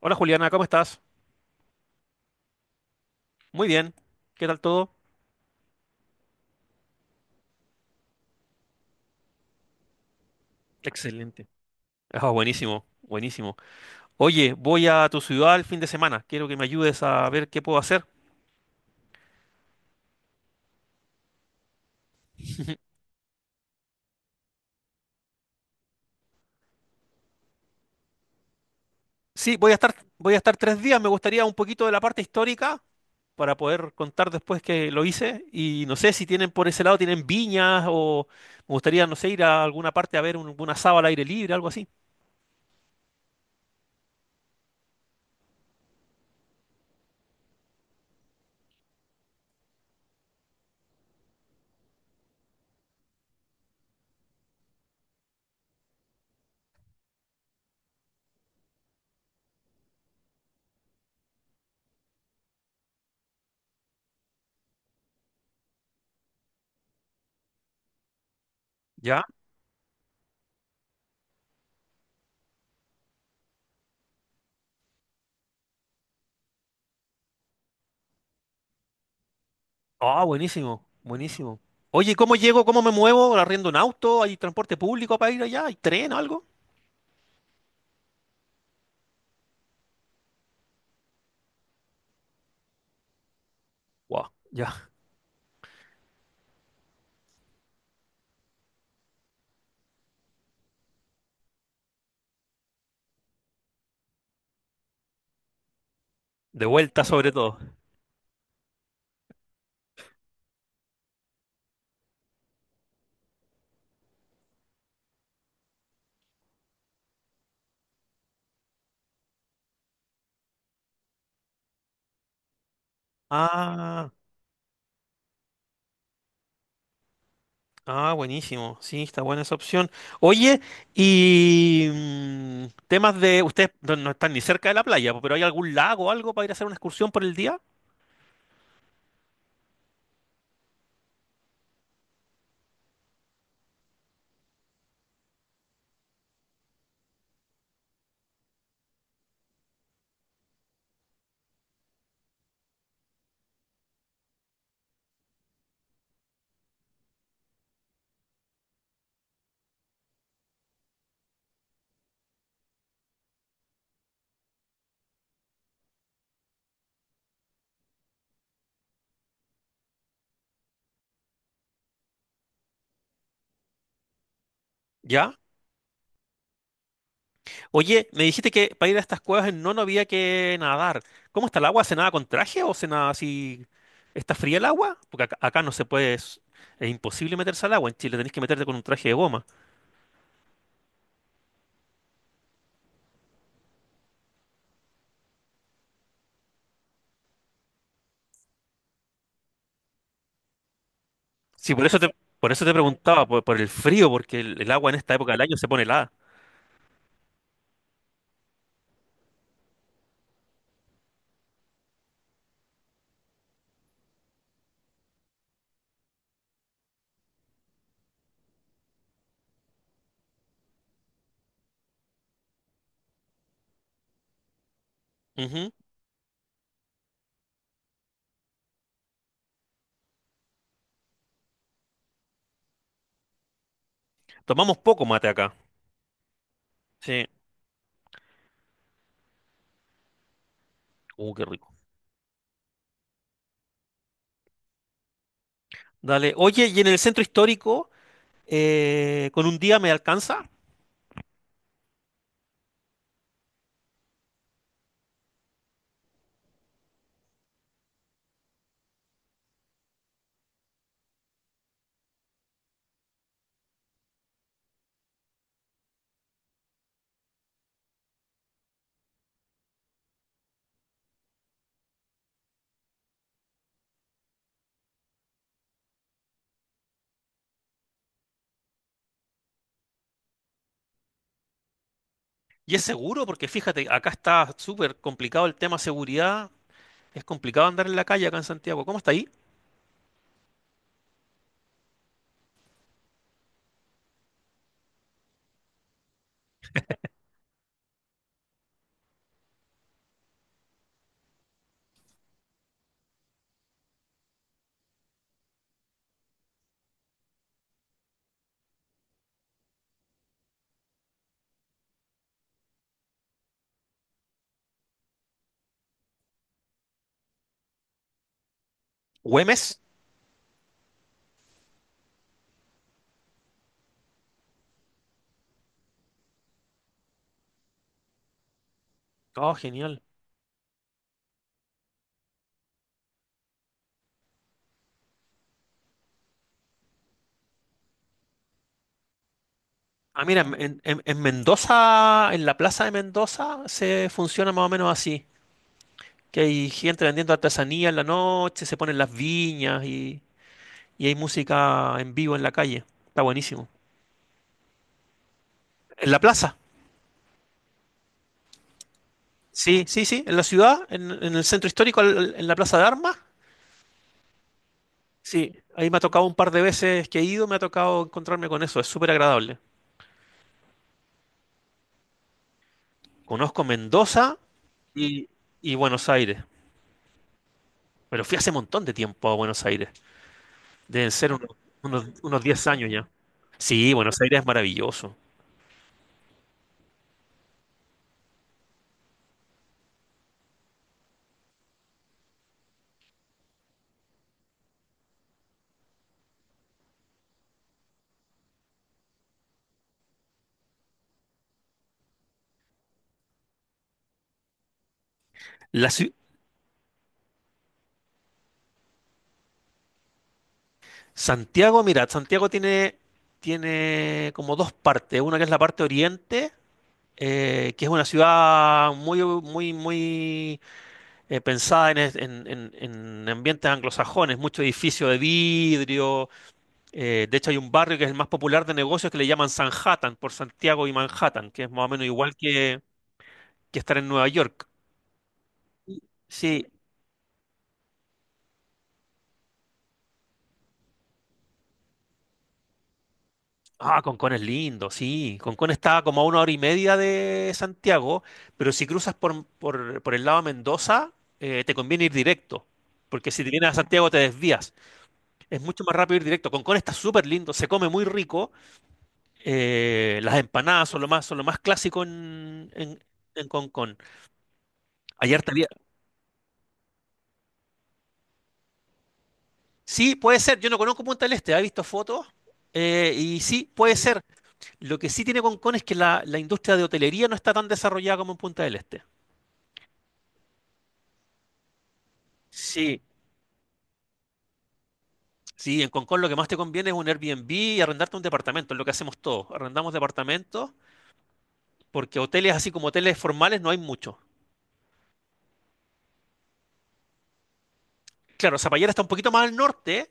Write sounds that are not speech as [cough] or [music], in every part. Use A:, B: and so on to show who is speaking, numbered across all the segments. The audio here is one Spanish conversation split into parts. A: Hola Juliana, ¿cómo estás? Muy bien. ¿Qué tal todo? Excelente. Ah, buenísimo, buenísimo. Oye, voy a tu ciudad el fin de semana. Quiero que me ayudes a ver qué puedo hacer. [laughs] Sí, voy a estar 3 días. Me gustaría un poquito de la parte histórica para poder contar después que lo hice. Y no sé si tienen por ese lado, tienen viñas o me gustaría, no sé, ir a alguna parte a ver un asado al aire libre, algo así. ¿Ya? Ah, buenísimo, buenísimo. Oye, ¿cómo llego? ¿Cómo me muevo? ¿Arriendo un auto? ¿Hay transporte público para ir allá? ¿Hay tren o algo? Wow, ya. De vuelta sobre todo. Ah, ah, buenísimo. Sí, está buena esa opción. Oye, y temas de. Ustedes no están ni cerca de la playa, pero ¿hay algún lago o algo para ir a hacer una excursión por el día? Ya. Oye, me dijiste que para ir a estas cuevas en Nono había que nadar. ¿Cómo está el agua? ¿Se nada con traje o se nada así? ¿Está fría el agua? Porque acá no se puede. Es imposible meterse al agua. En Chile tenés que meterte con un traje de goma. Sí, por eso te preguntaba, por el frío, porque el agua en esta época del año se pone helada. Ujú. Tomamos poco mate acá. Sí. Qué rico. Dale. Oye, ¿y en el centro histórico, con un día me alcanza? Y es seguro, porque fíjate, acá está súper complicado el tema seguridad. Es complicado andar en la calle acá en Santiago. ¿Cómo está ahí? ¿Güemes? Oh, genial. Ah, mira, en Mendoza, en la plaza de Mendoza, se funciona más o menos así. Que hay gente vendiendo artesanía en la noche, se ponen las viñas y hay música en vivo en la calle. Está buenísimo. En la plaza. Sí, sí, sí, en la ciudad, en el centro histórico, en la Plaza de Armas. Sí, ahí me ha tocado un par de veces que he ido, me ha tocado encontrarme con eso, es súper agradable. Conozco Mendoza y, y Buenos Aires, pero fui hace un montón de tiempo a Buenos Aires, deben ser unos, unos 10 años ya. Sí, Buenos Aires es maravilloso. La, ciu- Santiago, mira, Santiago tiene como dos partes. Una que es la parte oriente, que es una ciudad muy, muy, muy pensada en, es- en ambientes anglosajones, mucho edificio de vidrio. De hecho, hay un barrio que es el más popular de negocios que le llaman Sanhattan, por Santiago y Manhattan, que es más o menos igual que estar en Nueva York. Sí, ah, Concón es lindo, sí. Concón está como a una hora y media de Santiago, pero si cruzas por, por el lado de Mendoza, te conviene ir directo, porque si te vienes a Santiago te desvías. Es mucho más rápido ir directo. Concón está súper lindo, se come muy rico. Las empanadas son lo más clásico en Concón. Ayer también. Sí, puede ser. Yo no conozco Punta del Este, he visto fotos. Y sí, puede ser. Lo que sí tiene Concón es que la industria de hotelería no está tan desarrollada como en Punta del Este. Sí, sí, en Concón lo que más te conviene es un Airbnb y arrendarte un departamento, es lo que hacemos todos. Arrendamos departamentos porque hoteles así como hoteles formales no hay mucho. Claro, Zapallar está un poquito más al norte.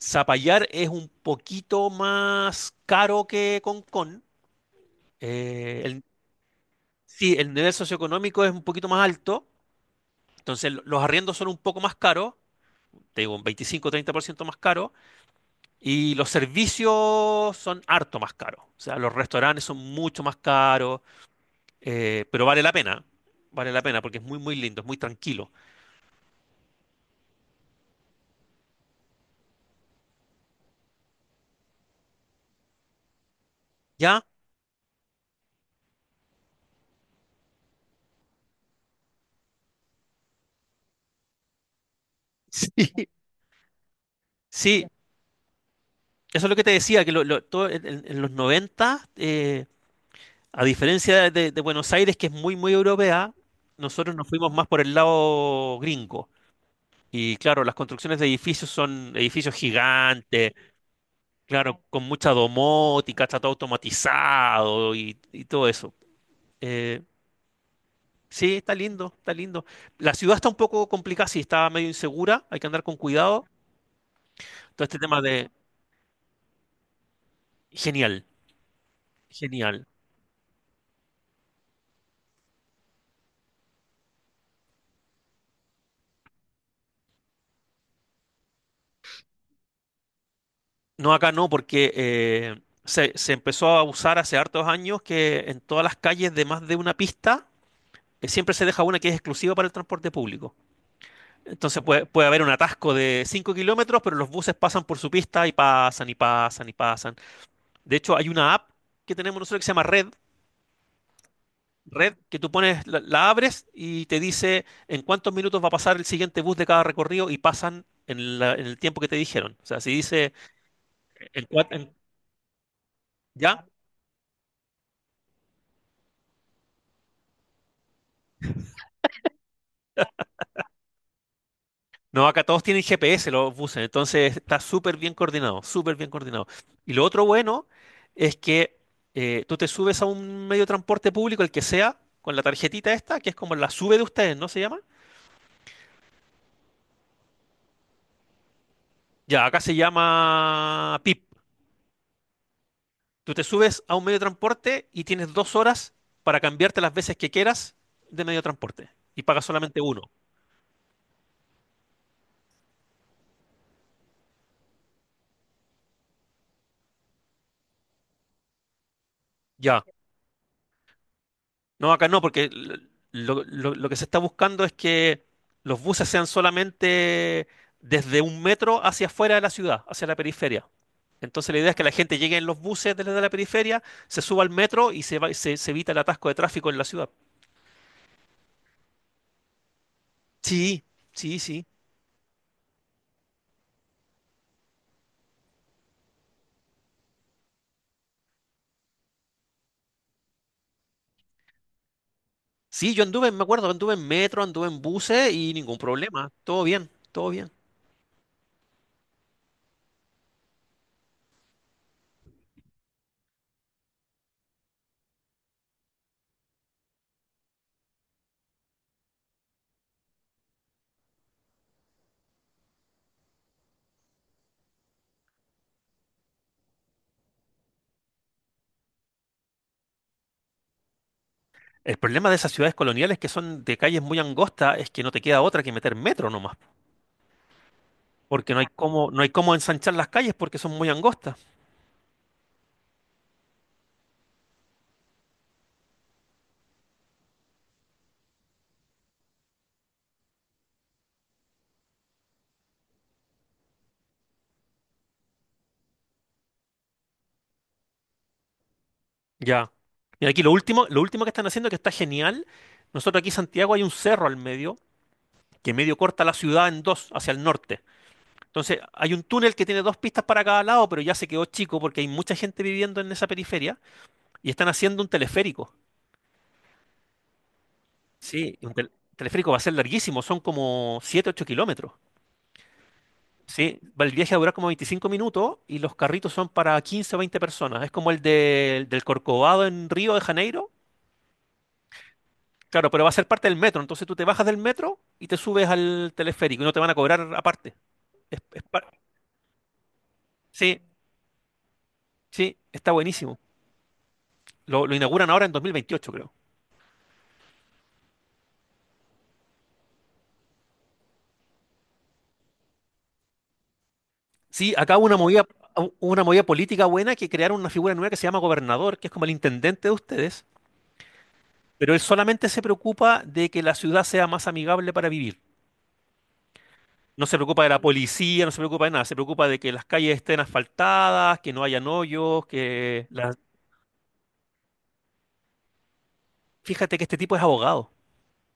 A: Zapallar es un poquito más caro que Concón. Eh, el- sí, el nivel socioeconómico es un poquito más alto. Entonces los arriendos son un poco más caros, te digo, un 25-30% más caro. Y los servicios son harto más caros. O sea, los restaurantes son mucho más caros. Pero vale la pena porque es muy, muy lindo, es muy tranquilo. ¿Ya? Sí. [laughs] Sí, eso es lo que te decía, que todo en los 90 a diferencia de Buenos Aires, que es muy, muy europea, nosotros nos fuimos más por el lado gringo. Y claro, las construcciones de edificios son edificios gigantes, claro, con mucha domótica, está todo automatizado y todo eso. Eh, Sí, está lindo, está lindo. La ciudad está un poco complicada, sí, está medio insegura, hay que andar con cuidado. Todo este tema de. Genial, genial. No, acá no, porque se empezó a usar hace hartos años que en todas las calles de más de una pista siempre se deja una que es exclusiva para el transporte público. Entonces puede haber un atasco de 5 kilómetros, pero los buses pasan por su pista y pasan y pasan y pasan. De hecho, hay una app que tenemos nosotros que se llama Red, red que tú pones, la abres y te dice en cuántos minutos va a pasar el siguiente bus de cada recorrido y pasan en el tiempo que te dijeron. O sea, si dice en cua- en- ¿ya? No, acá todos tienen GPS los buses, entonces está súper bien coordinado, súper bien coordinado. Y lo otro bueno es que tú te subes a un medio de transporte público, el que sea, con la tarjetita esta, que es como la sube de ustedes, ¿no se llama? Ya, acá se llama PIP. Tú te subes a un medio de transporte y tienes 2 horas para cambiarte las veces que quieras de medio de transporte. Y pagas solamente uno. Ya. No, acá no, porque lo que se está buscando es que los buses sean solamente desde un metro hacia afuera de la ciudad, hacia la periferia. Entonces la idea es que la gente llegue en los buses desde la periferia, se suba al metro y se evita el atasco de tráfico en la ciudad. Sí, sí, sí. Sí, yo anduve, me acuerdo, anduve en metro, anduve en buses y ningún problema. Todo bien, todo bien. El problema de esas ciudades coloniales que son de calles muy angostas es que no te queda otra que meter metro nomás, porque no hay cómo ensanchar las calles porque son muy angostas. Ya. Y aquí lo último que están haciendo que está genial. Nosotros aquí en Santiago hay un cerro al medio que medio corta la ciudad en dos hacia el norte. Entonces hay un túnel que tiene dos pistas para cada lado, pero ya se quedó chico porque hay mucha gente viviendo en esa periferia y están haciendo un teleférico. Sí, un teleférico va a ser larguísimo, son como 7, 8 kilómetros. Sí, el viaje dura como 25 minutos y los carritos son para 15 o 20 personas. Es como el del Corcovado en Río de Janeiro. Claro, pero va a ser parte del metro. Entonces tú te bajas del metro y te subes al teleférico y no te van a cobrar aparte. Es- es par- Sí, sí, está buenísimo. Lo inauguran ahora en 2028, creo. Sí, acá hubo una movida política buena que crearon una figura nueva que se llama gobernador, que es como el intendente de ustedes, pero él solamente se preocupa de que la ciudad sea más amigable para vivir. No se preocupa de la policía, no se preocupa de nada, se preocupa de que las calles estén asfaltadas, que no hayan hoyos. Fíjate que este tipo es abogado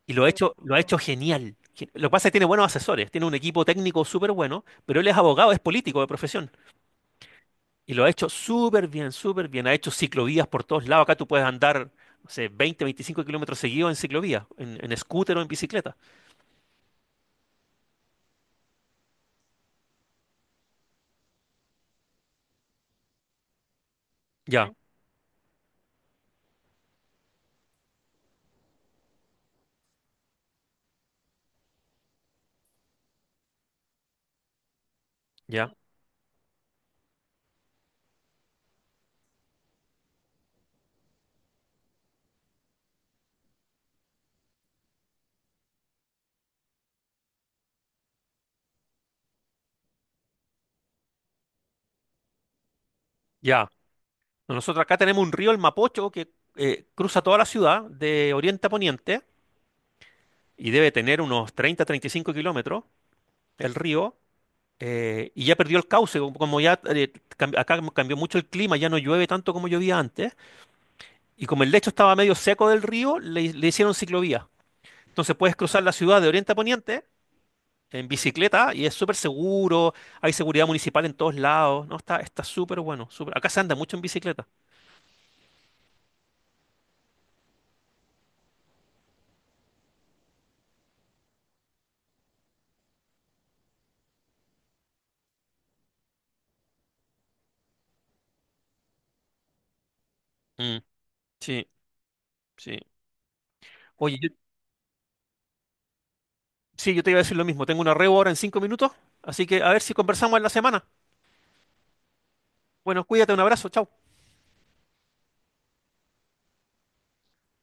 A: y lo ha hecho, genial. Lo que pasa es que tiene buenos asesores, tiene un equipo técnico súper bueno, pero él es abogado, es político de profesión y lo ha hecho súper bien, súper bien. Ha hecho ciclovías por todos lados. Acá tú puedes andar, no sé, 20, 25 kilómetros seguidos en ciclovía, en scooter o en bicicleta. Ya, ya, ya. Nosotros acá tenemos un río, el Mapocho, que cruza toda la ciudad de oriente a poniente. Y debe tener unos 30, 35 kilómetros el río, y ya perdió el cauce, como ya acá como cambió mucho el clima, ya no llueve tanto como llovía antes, y como el lecho estaba medio seco del río, le hicieron ciclovía. Entonces puedes cruzar la ciudad de oriente a poniente en bicicleta y es súper seguro, hay seguridad municipal en todos lados, ¿no? Está súper bueno. Acá se anda mucho en bicicleta. Mm, sí, sí. Oye, sí, yo te iba a decir lo mismo, tengo una reo ahora en 5 minutos, así que a ver si conversamos en la semana. Bueno, cuídate, un abrazo, chao.